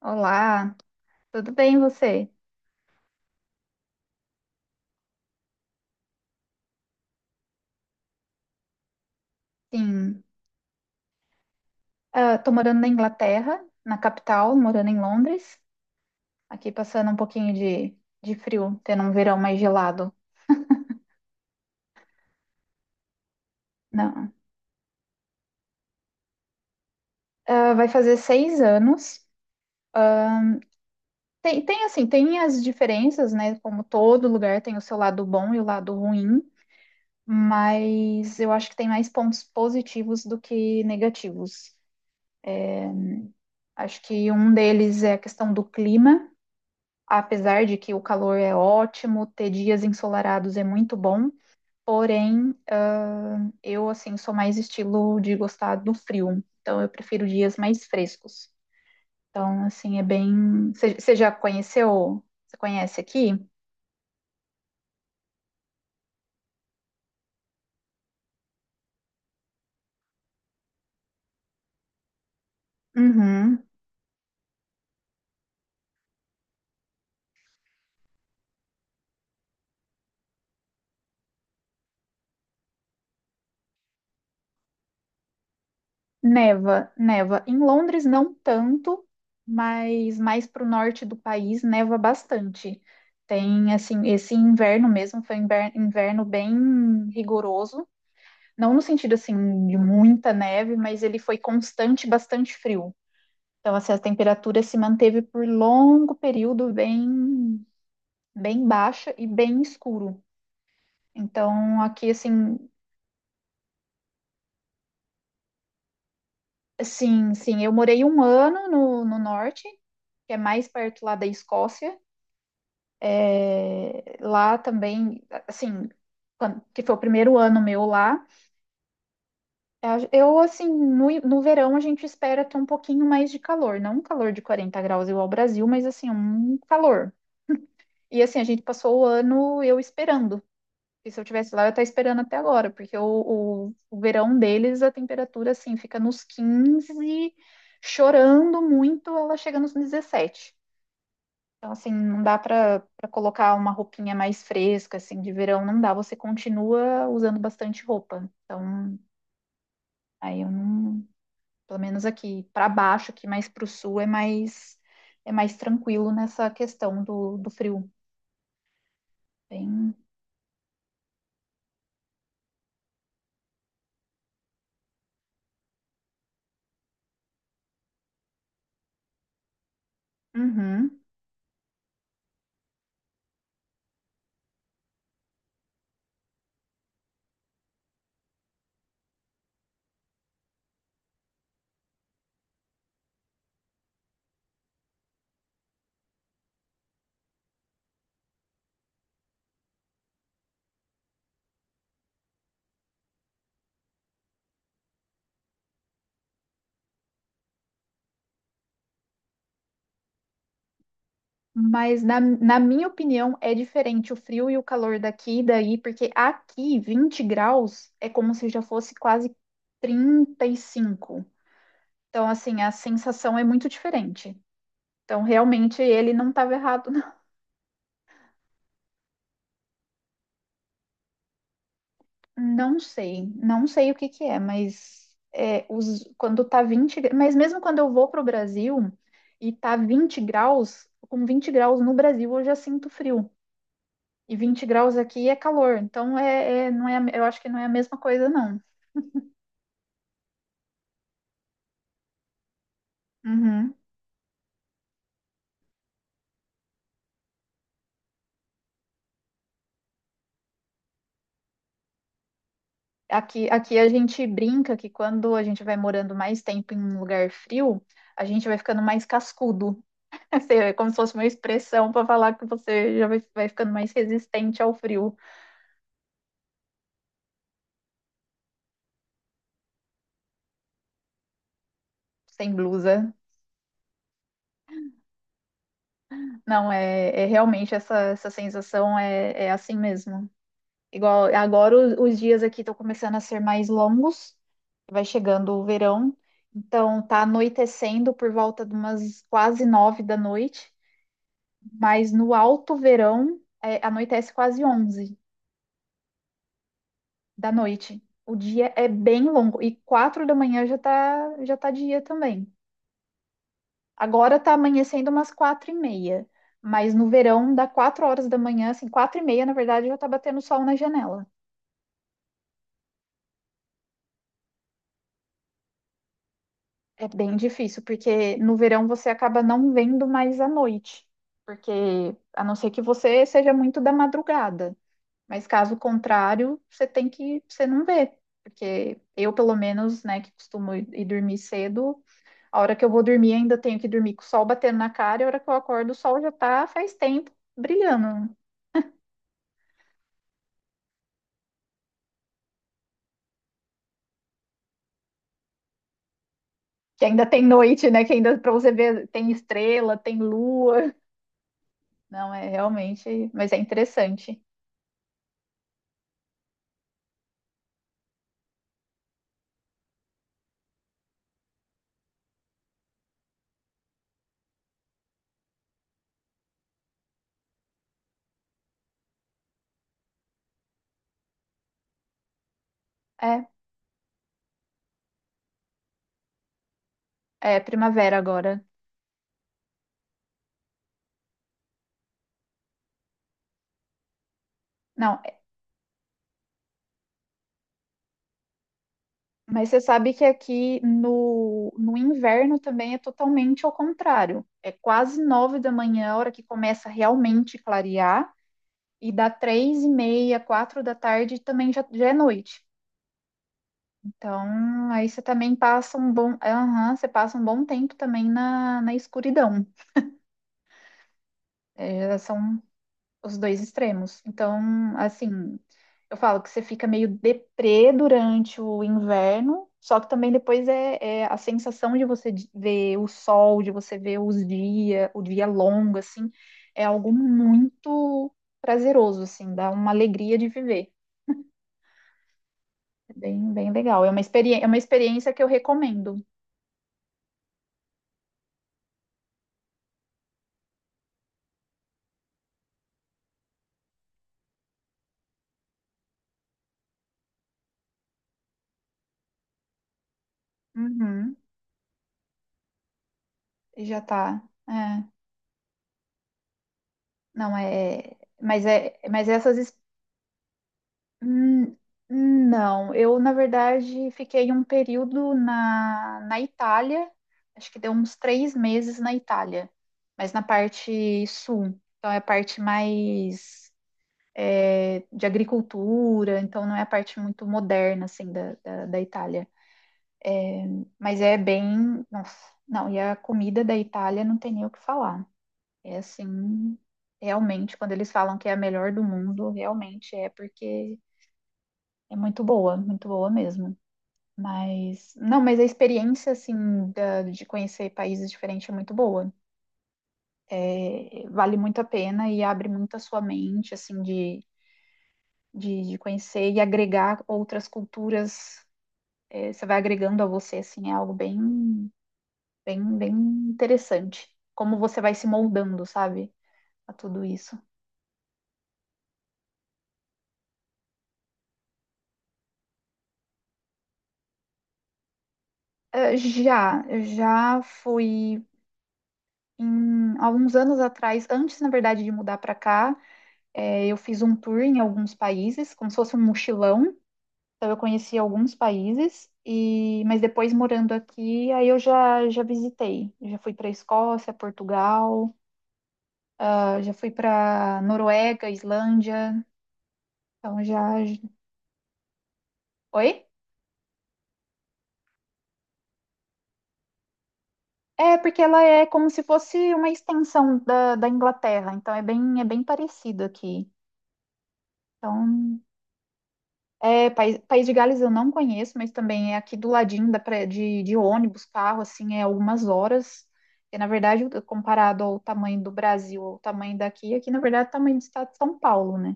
Olá, tudo bem você? Sim, estou tô morando na Inglaterra, na capital, morando em Londres, aqui passando um pouquinho de frio, tendo um verão mais gelado. Não, Ah, vai fazer seis anos. Tem assim, tem as diferenças, né? Como todo lugar tem o seu lado bom e o lado ruim, mas eu acho que tem mais pontos positivos do que negativos. Acho que um deles é a questão do clima. Apesar de que o calor é ótimo, ter dias ensolarados é muito bom, porém, eu assim sou mais estilo de gostar do frio, então eu prefiro dias mais frescos. Então, assim, é bem. Você já conheceu? Você conhece aqui? Uhum. Neva, neva. Em Londres não tanto, mas mais para o norte do país neva bastante. Tem assim, esse inverno mesmo foi um inverno bem rigoroso. Não no sentido assim de muita neve, mas ele foi constante, bastante frio. Então, assim, a temperatura se manteve por longo período bem, bem baixa e bem escuro. Então, aqui, assim, sim, sim, eu morei um ano no norte, que é mais perto lá da Escócia. É, lá também, assim, que foi o primeiro ano meu lá. Assim, no verão a gente espera ter um pouquinho mais de calor, não um calor de 40 graus igual ao Brasil, mas assim, um calor. E assim, a gente passou o ano eu esperando. E se eu tivesse lá, eu estaria esperando até agora, porque o verão deles, a temperatura, assim, fica nos 15, chorando muito, ela chega nos 17. Então, assim, não dá para colocar uma roupinha mais fresca, assim, de verão, não dá. Você continua usando bastante roupa. Então, aí eu não. Pelo menos aqui para baixo, aqui mais para o sul, é mais tranquilo nessa questão do frio. Bem... Uhum. Mas na minha opinião é diferente o frio e o calor daqui e daí, porque aqui 20 graus é como se já fosse quase 35. Então, assim, a sensação é muito diferente. Então, realmente, ele não estava errado. Não sei, não sei o que que é, mas é, os, quando tá 20, mas mesmo quando eu vou para o Brasil e tá 20 graus, com 20 graus no Brasil eu já sinto frio. E 20 graus aqui é calor, então é, não é, eu acho que não é a mesma coisa, não. Uhum. Aqui, aqui a gente brinca que quando a gente vai morando mais tempo em um lugar frio, a gente vai ficando mais cascudo. Assim, é como se fosse uma expressão para falar que você já vai ficando mais resistente ao frio sem blusa. Não, é, é realmente essa, essa sensação é, é assim mesmo. Igual agora os dias aqui estão começando a ser mais longos, vai chegando o verão, então tá anoitecendo por volta de umas quase 9 da noite, mas no alto verão é, anoitece quase 11 da noite. O dia é bem longo e 4 da manhã já tá dia também. Agora tá amanhecendo umas 4 e meia, mas no verão dá 4 horas da manhã, assim, 4 e meia, na verdade, já tá batendo sol na janela. É bem difícil, porque no verão você acaba não vendo mais à noite, porque a não ser que você seja muito da madrugada, mas caso contrário, você tem que, você não vê, porque eu, pelo menos, né, que costumo ir dormir cedo, a hora que eu vou dormir ainda tenho que dormir com o sol batendo na cara, e a hora que eu acordo o sol já tá faz tempo brilhando. Que ainda tem noite, né? Que ainda para você ver tem estrela, tem lua. Não, é realmente, mas é interessante. É, é primavera agora. Não, é- mas você sabe que aqui no inverno também é totalmente ao contrário. É quase 9 da manhã, a hora que começa realmente clarear, e dá 3 e meia, 4 da tarde também já, já é noite. Então, aí você também passa um bom, aham, você passa um bom tempo também na escuridão. É, são os dois extremos. Então, assim, eu falo que você fica meio deprê durante o inverno, só que também depois é, é a sensação de você ver o sol, de você ver os dias, o dia longo, assim, é algo muito prazeroso, assim, dá uma alegria de viver. É bem, bem legal. É uma experiência que eu recomendo. Uhum, já tá. É, não, é. Mas, é, mas essas Hum, não, eu na verdade fiquei um período na Itália, acho que deu uns 3 meses na Itália, mas na parte sul, então é a parte mais é, de agricultura, então não é a parte muito moderna assim da Itália, mas é bem, nossa, não, e a comida da Itália não tem nem o que falar, é assim, realmente quando eles falam que é a melhor do mundo, realmente é porque é muito boa mesmo. Mas, não, mas a experiência, assim, de conhecer países diferentes é muito boa. É, vale muito a pena e abre muito a sua mente, assim, de conhecer e agregar outras culturas. É, você vai agregando a você, assim, é algo bem, bem, bem interessante. Como você vai se moldando, sabe, a tudo isso. É, já, eu já fui, em, alguns anos atrás, antes, na verdade, de mudar para cá. É, eu fiz um tour em alguns países, como se fosse um mochilão. Então eu conheci alguns países e, mas depois morando aqui, aí eu já visitei. Eu já fui para Escócia, Portugal, ah, já fui para Noruega, Islândia. Então já. Oi? É porque ela é como se fosse uma extensão da Inglaterra. Então é bem parecido aqui. Então é, País, País de Gales eu não conheço, mas também é aqui do ladinho da de ônibus, carro, assim, é algumas horas. E, na verdade, comparado ao tamanho do Brasil, ao tamanho daqui, aqui, na verdade, é o tamanho do estado de São Paulo, né?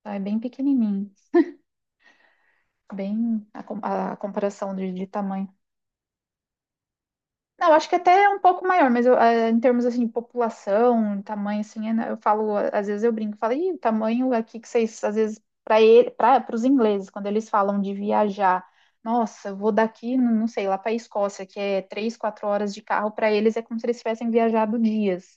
Então, é bem pequenininho, bem a, a comparação de tamanho. Não, acho que até é um pouco maior, mas eu, em termos assim, de população, tamanho, assim, é- né, eu falo, às vezes eu brinco, falo, Ih, o tamanho aqui que vocês, às vezes, para ele, para os ingleses, quando eles falam de viajar, nossa, eu vou daqui, não sei, lá para a Escócia, que é três, quatro horas de carro, para eles é como se eles tivessem viajado dias.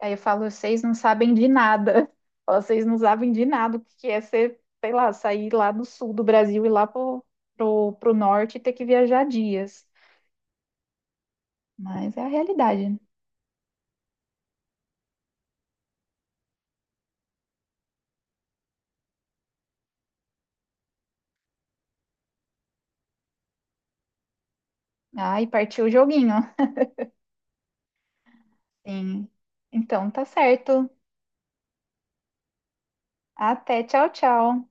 Aí eu falo, vocês não sabem de nada, vocês não sabem de nada o que que é ser, sei lá, sair lá do sul do Brasil e lá pro norte e ter que viajar dias. Mas é a realidade, ai, partiu o joguinho. Sim. Então tá certo. Até, tchau, tchau.